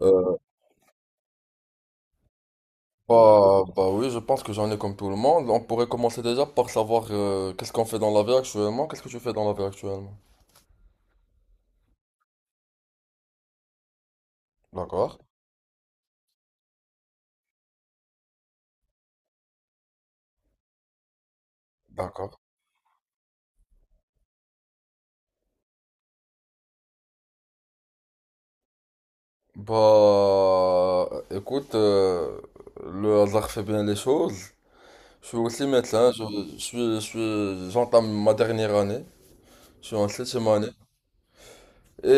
Euh, oui, je pense que j'en ai comme tout le monde. On pourrait commencer déjà par savoir qu'est-ce qu'on fait dans la vie actuellement. Qu'est-ce que tu fais dans la vie actuellement? D'accord, d'accord. Bah, écoute, le hasard fait bien les choses. Je suis aussi médecin, j'entame ma dernière année. Je suis en septième année. Et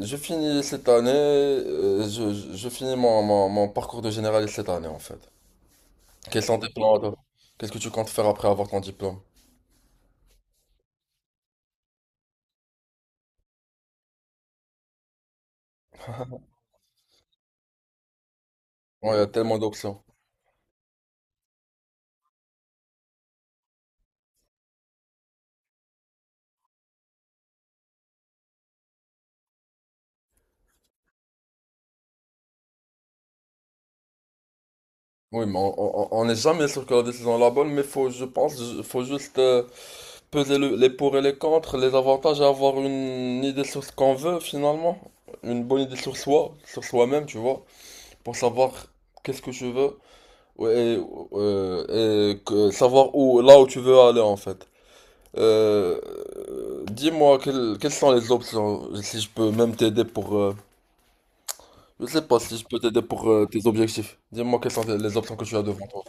je finis cette année, euh, je finis mon parcours de généraliste cette année en fait. Quels sont tes plans, toi? Qu'est-ce que tu comptes faire après avoir ton diplôme? Ouais, il y a tellement d'options. Oui, mais on n'est jamais sûr que la décision est la bonne, mais faut, je pense, faut juste peser les pour et les contre, les avantages et avoir une idée sur ce qu'on veut finalement. Une bonne idée sur soi, sur soi-même, tu vois, pour savoir qu'est-ce que je veux ouais, et savoir où, là où tu veux aller en fait. Euh, dis-moi quelles sont les options, si je peux même t'aider pour... je sais pas si je peux t'aider pour tes objectifs. Dis-moi quelles sont les options que tu as devant toi.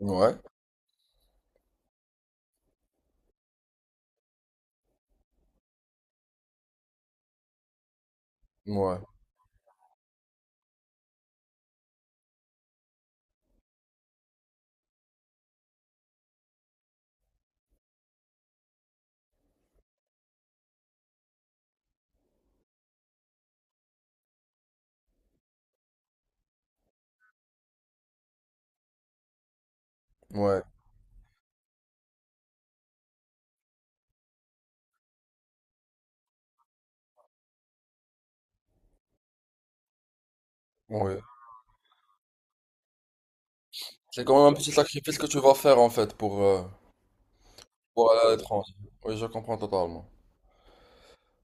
Ouais, ouais, ouais, ouais. C'est quand même un petit sacrifice que tu vas faire en fait pour aller à l'étranger. Oui, je comprends totalement.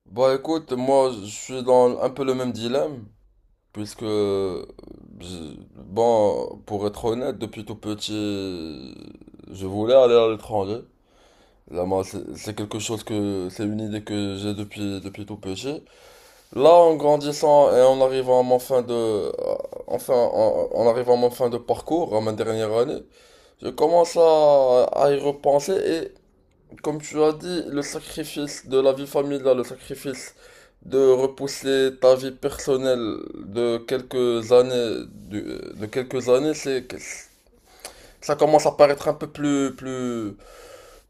Bah écoute, moi je suis dans un peu le même dilemme, puisque, je- bon, pour être honnête, depuis tout petit, je voulais aller à l'étranger. Là, moi, c'est quelque chose que, c'est une idée que j'ai depuis tout petit. Là, en grandissant et en arrivant à mon fin de, enfin, en arrivant à mon fin de parcours, à ma dernière année, je commence à y repenser et comme tu as dit, le sacrifice de la vie familiale, le sacrifice de repousser ta vie personnelle de quelques années, de quelques années, c'est, ça commence à paraître un peu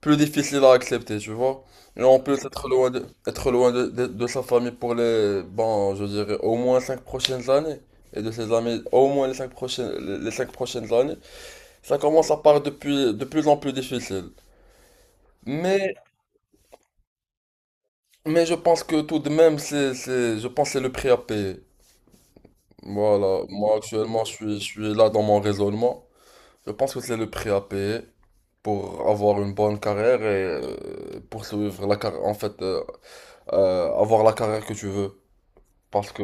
plus difficile à accepter, tu vois. Et en plus, être loin de sa famille pour les, bon, je dirais au moins 5 prochaines années, et de ses amis au moins les les 5 prochaines années, ça commence à paraître de plus en plus difficile. Mais, mais je pense que tout de même, je pense que c'est le prix à payer. Voilà, moi actuellement, je suis là dans mon raisonnement. Je pense que c'est le prix à payer pour avoir une bonne carrière et poursuivre la carrière, en fait, avoir la carrière que tu veux. Parce que,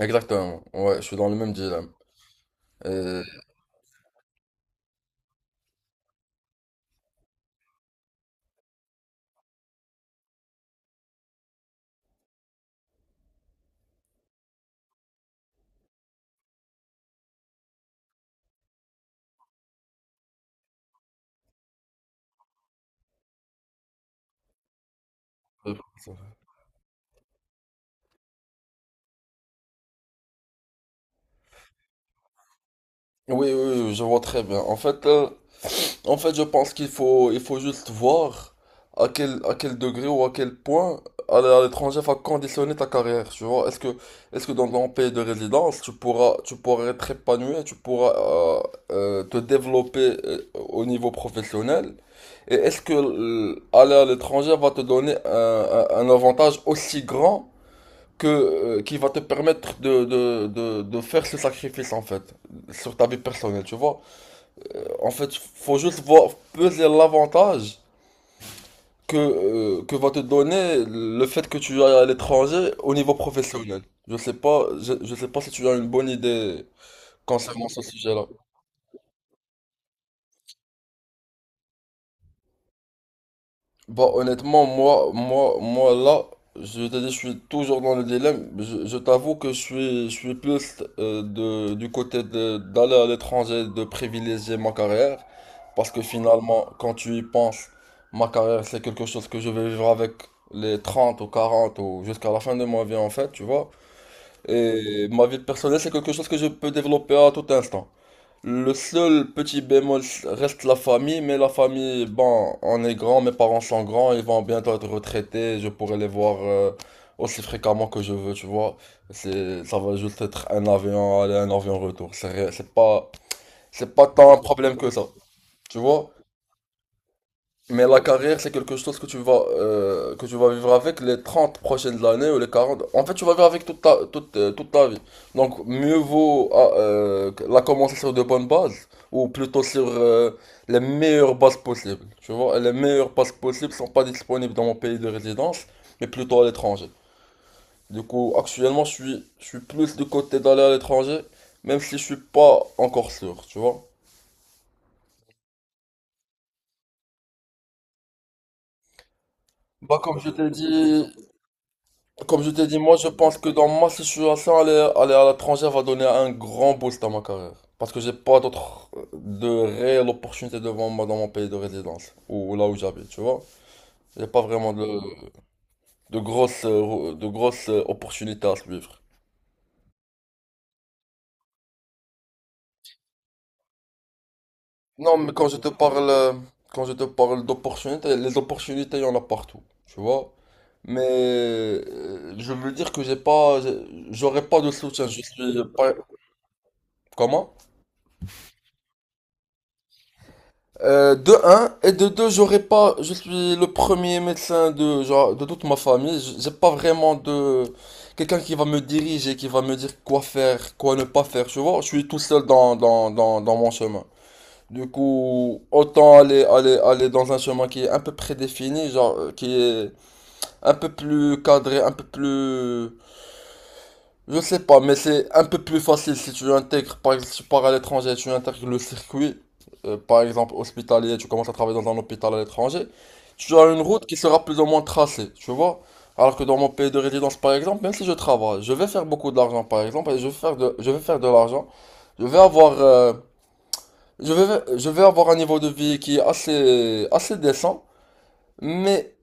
exactement, ouais, je suis dans le même dilemme. Et- oui, oui, je vois très bien. En fait, en fait, je pense qu'il faut, il faut juste voir à quel degré ou à quel point aller à l'étranger va conditionner ta carrière, tu vois. Est-ce que dans ton pays de résidence, tu pourras être épanoui, tu pourras te développer au niveau professionnel? Et est-ce que aller à l'étranger va te donner un, un avantage aussi grand que, qui va te permettre de faire ce sacrifice, en fait, sur ta vie personnelle, tu vois? En fait, faut juste voir peser l'avantage que va te donner le fait que tu ailles à l'étranger au niveau professionnel. Je sais pas, je sais pas si tu as une bonne idée concernant ce sujet-là. Bah honnêtement, moi là, je t'ai dit, je suis toujours dans le dilemme. Je t'avoue que je suis plus de, du côté de, d'aller à l'étranger, de privilégier ma carrière. Parce que finalement, quand tu y penses, ma carrière, c'est quelque chose que je vais vivre avec les 30 ou 40 ou jusqu'à la fin de ma vie en fait, tu vois. Et ma vie personnelle, c'est quelque chose que je peux développer à tout instant. Le seul petit bémol reste la famille, mais la famille, bon, on est grand, mes parents sont grands, ils vont bientôt être retraités, je pourrai les voir aussi fréquemment que je veux, tu vois. Ça va juste être un avion aller, un avion retour. C'est pas tant un problème que ça, tu vois. Mais la carrière, c'est quelque chose que tu vas vivre avec les 30 prochaines années ou les 40. En fait, tu vas vivre avec toute, toute ta vie. Donc, mieux vaut la commencer sur de bonnes bases ou plutôt sur les meilleures bases possibles. Tu vois, et les meilleures bases possibles ne sont pas disponibles dans mon pays de résidence, mais plutôt à l'étranger. Du coup, actuellement, je suis plus du côté d'aller à l'étranger, même si je suis pas encore sûr, tu vois. Bah, comme je t'ai dit, Comme je t'ai dit, moi je pense que dans ma situation, aller à l'étranger va donner un grand boost à ma carrière. Parce que j'ai pas d'autres de réelles opportunités devant moi dans mon pays de résidence, ou là où j'habite, tu vois. J'ai pas vraiment de grosses, opportunités à suivre. Non, mais quand je te parle, quand je te parle d'opportunités, les opportunités, il y en a partout, tu vois. Mais je veux dire que j'ai pas, j'aurais pas de soutien. Je suis pas, comment? De un, et de deux, j'aurais pas, je suis le premier médecin de, genre, de toute ma famille. J'ai pas vraiment de, quelqu'un qui va me diriger, qui va me dire quoi faire, quoi ne pas faire, tu vois, je suis tout seul dans mon chemin. Du coup, autant aller dans un chemin qui est un peu prédéfini, genre, qui est un peu plus cadré, un peu plus, je sais pas, mais c'est un peu plus facile si tu intègres, par exemple, si tu pars à l'étranger, tu intègres le circuit, par exemple hospitalier, tu commences à travailler dans un hôpital à l'étranger, tu as une route qui sera plus ou moins tracée, tu vois. Alors que dans mon pays de résidence, par exemple, même si je travaille, je vais faire beaucoup d'argent, par exemple, et je vais faire de l'argent, je vais avoir, euh, je vais avoir un niveau de vie qui est assez, assez décent, mais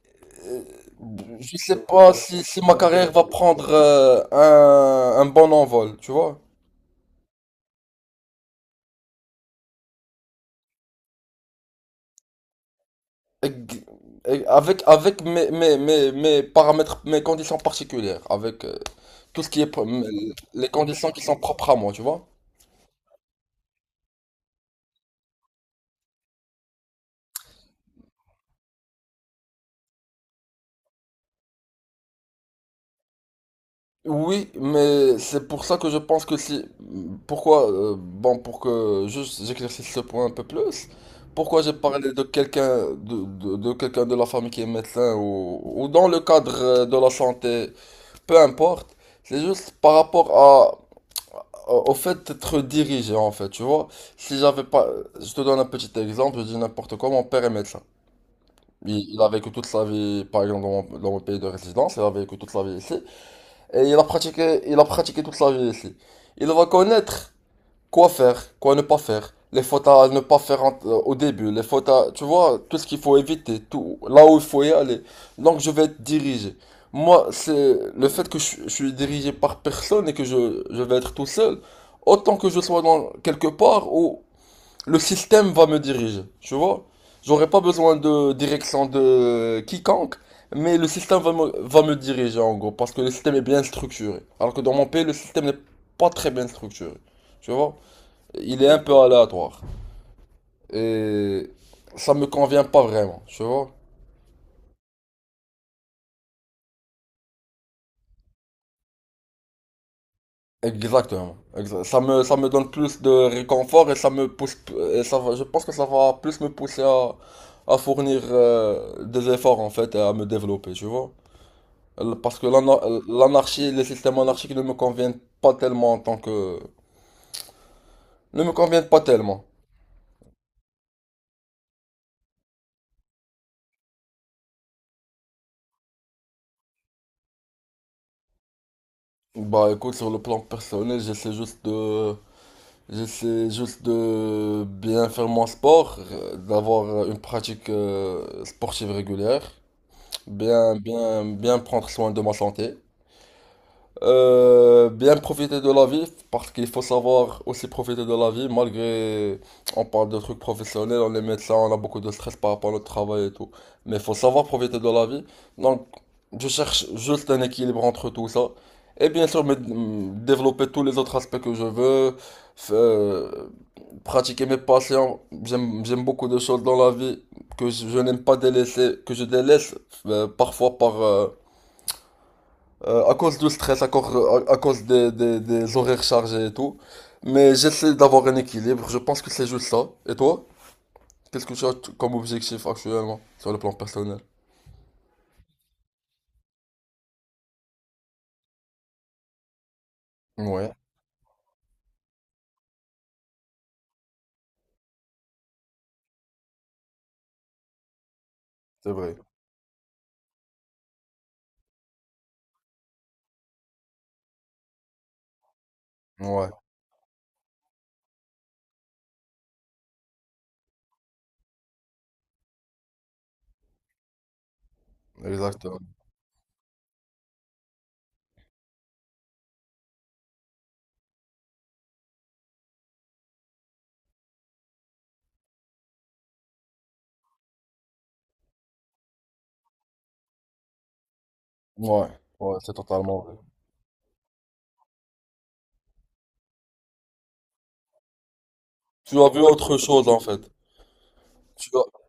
euh, je sais pas si ma carrière va prendre un bon envol, tu vois. Ex- Avec, avec mes paramètres, mes conditions particulières, avec tout ce qui est, les conditions qui sont propres à moi, tu vois? Oui, mais c'est pour ça que je pense que si, pourquoi, bon, pour que juste j'éclaircisse ce point un peu plus, pourquoi j'ai parlé de quelqu'un, de quelqu'un de la famille qui est médecin ou dans le cadre de la santé, peu importe, c'est juste par rapport à au au fait, être dirigé, en fait, tu vois. Si j'avais pas. Je te donne un petit exemple, je dis n'importe quoi, mon père est médecin. Il a vécu toute sa vie, par exemple, dans mon pays de résidence, il a vécu toute sa vie ici. Et il a pratiqué toute sa vie ici. Il va connaître. Quoi faire, quoi ne pas faire, les fautes à ne pas faire au début, les fautes à, tu vois, tout ce qu'il faut éviter, tout, là où il faut y aller. Donc je vais être dirigé. Moi, c'est le fait que je suis dirigé par personne et que je vais être tout seul, autant que je sois dans quelque part où le système va me diriger, tu vois. J'aurai pas besoin de direction de quiconque, mais le système va me diriger en gros, parce que le système est bien structuré. Alors que dans mon pays, le système n'est pas très bien structuré, tu vois il est un peu aléatoire. Et ça me convient pas vraiment, tu vois. Exactement. Ça ça me donne plus de réconfort et ça me pousse, je pense que ça va plus me pousser à fournir des efforts en fait et à me développer, tu vois. Parce que l'anarchie, les systèmes anarchiques ne me conviennent pas tellement en tant que... ne me conviennent pas tellement. Bah écoute, sur le plan personnel, j'essaie juste de bien faire mon sport, d'avoir une pratique sportive régulière, bien prendre soin de ma santé, bien profiter de la vie, parce qu'il faut savoir aussi profiter de la vie, malgré on parle de trucs professionnels, on est médecin, on a beaucoup de stress par rapport à notre travail et tout, mais il faut savoir profiter de la vie. Donc, je cherche juste un équilibre entre tout ça, et bien sûr, développer tous les autres aspects que je veux. F- euh, pratiquer mes passions. J'aime beaucoup de choses dans la vie que je n'aime pas délaisser, que je délaisse parfois par, à cause du stress, à cause des horaires chargés et tout. Mais j'essaie d'avoir un équilibre. Je pense que c'est juste ça. Et toi? Qu'est-ce que tu as comme objectif actuellement sur le plan personnel? Ouais, c'est vrai. Ouais, exactement. Ouais, ouais, c'est totalement vrai. Tu as vu autre chose en fait. Tu as-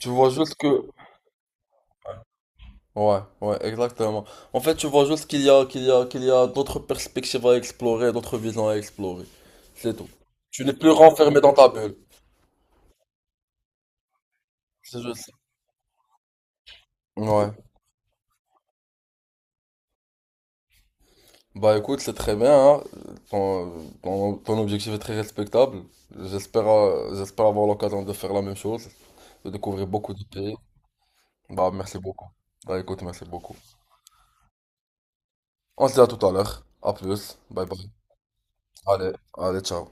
tu vois juste que ouais, ouais, exactement. En fait, tu vois juste qu'il y a d'autres perspectives à explorer, d'autres visions à explorer. C'est tout. Tu n'es plus renfermé dans ta bulle. C'est juste ça. Ouais. Bah écoute, c'est très bien, hein. Ton, ton objectif est très respectable. J'espère avoir l'occasion de faire la même chose, de découvrir beaucoup de pays. Bah merci beaucoup. Bah écoute, merci beaucoup. On se dit à tout à l'heure. À plus. Bye bye. Allez, allez, ciao.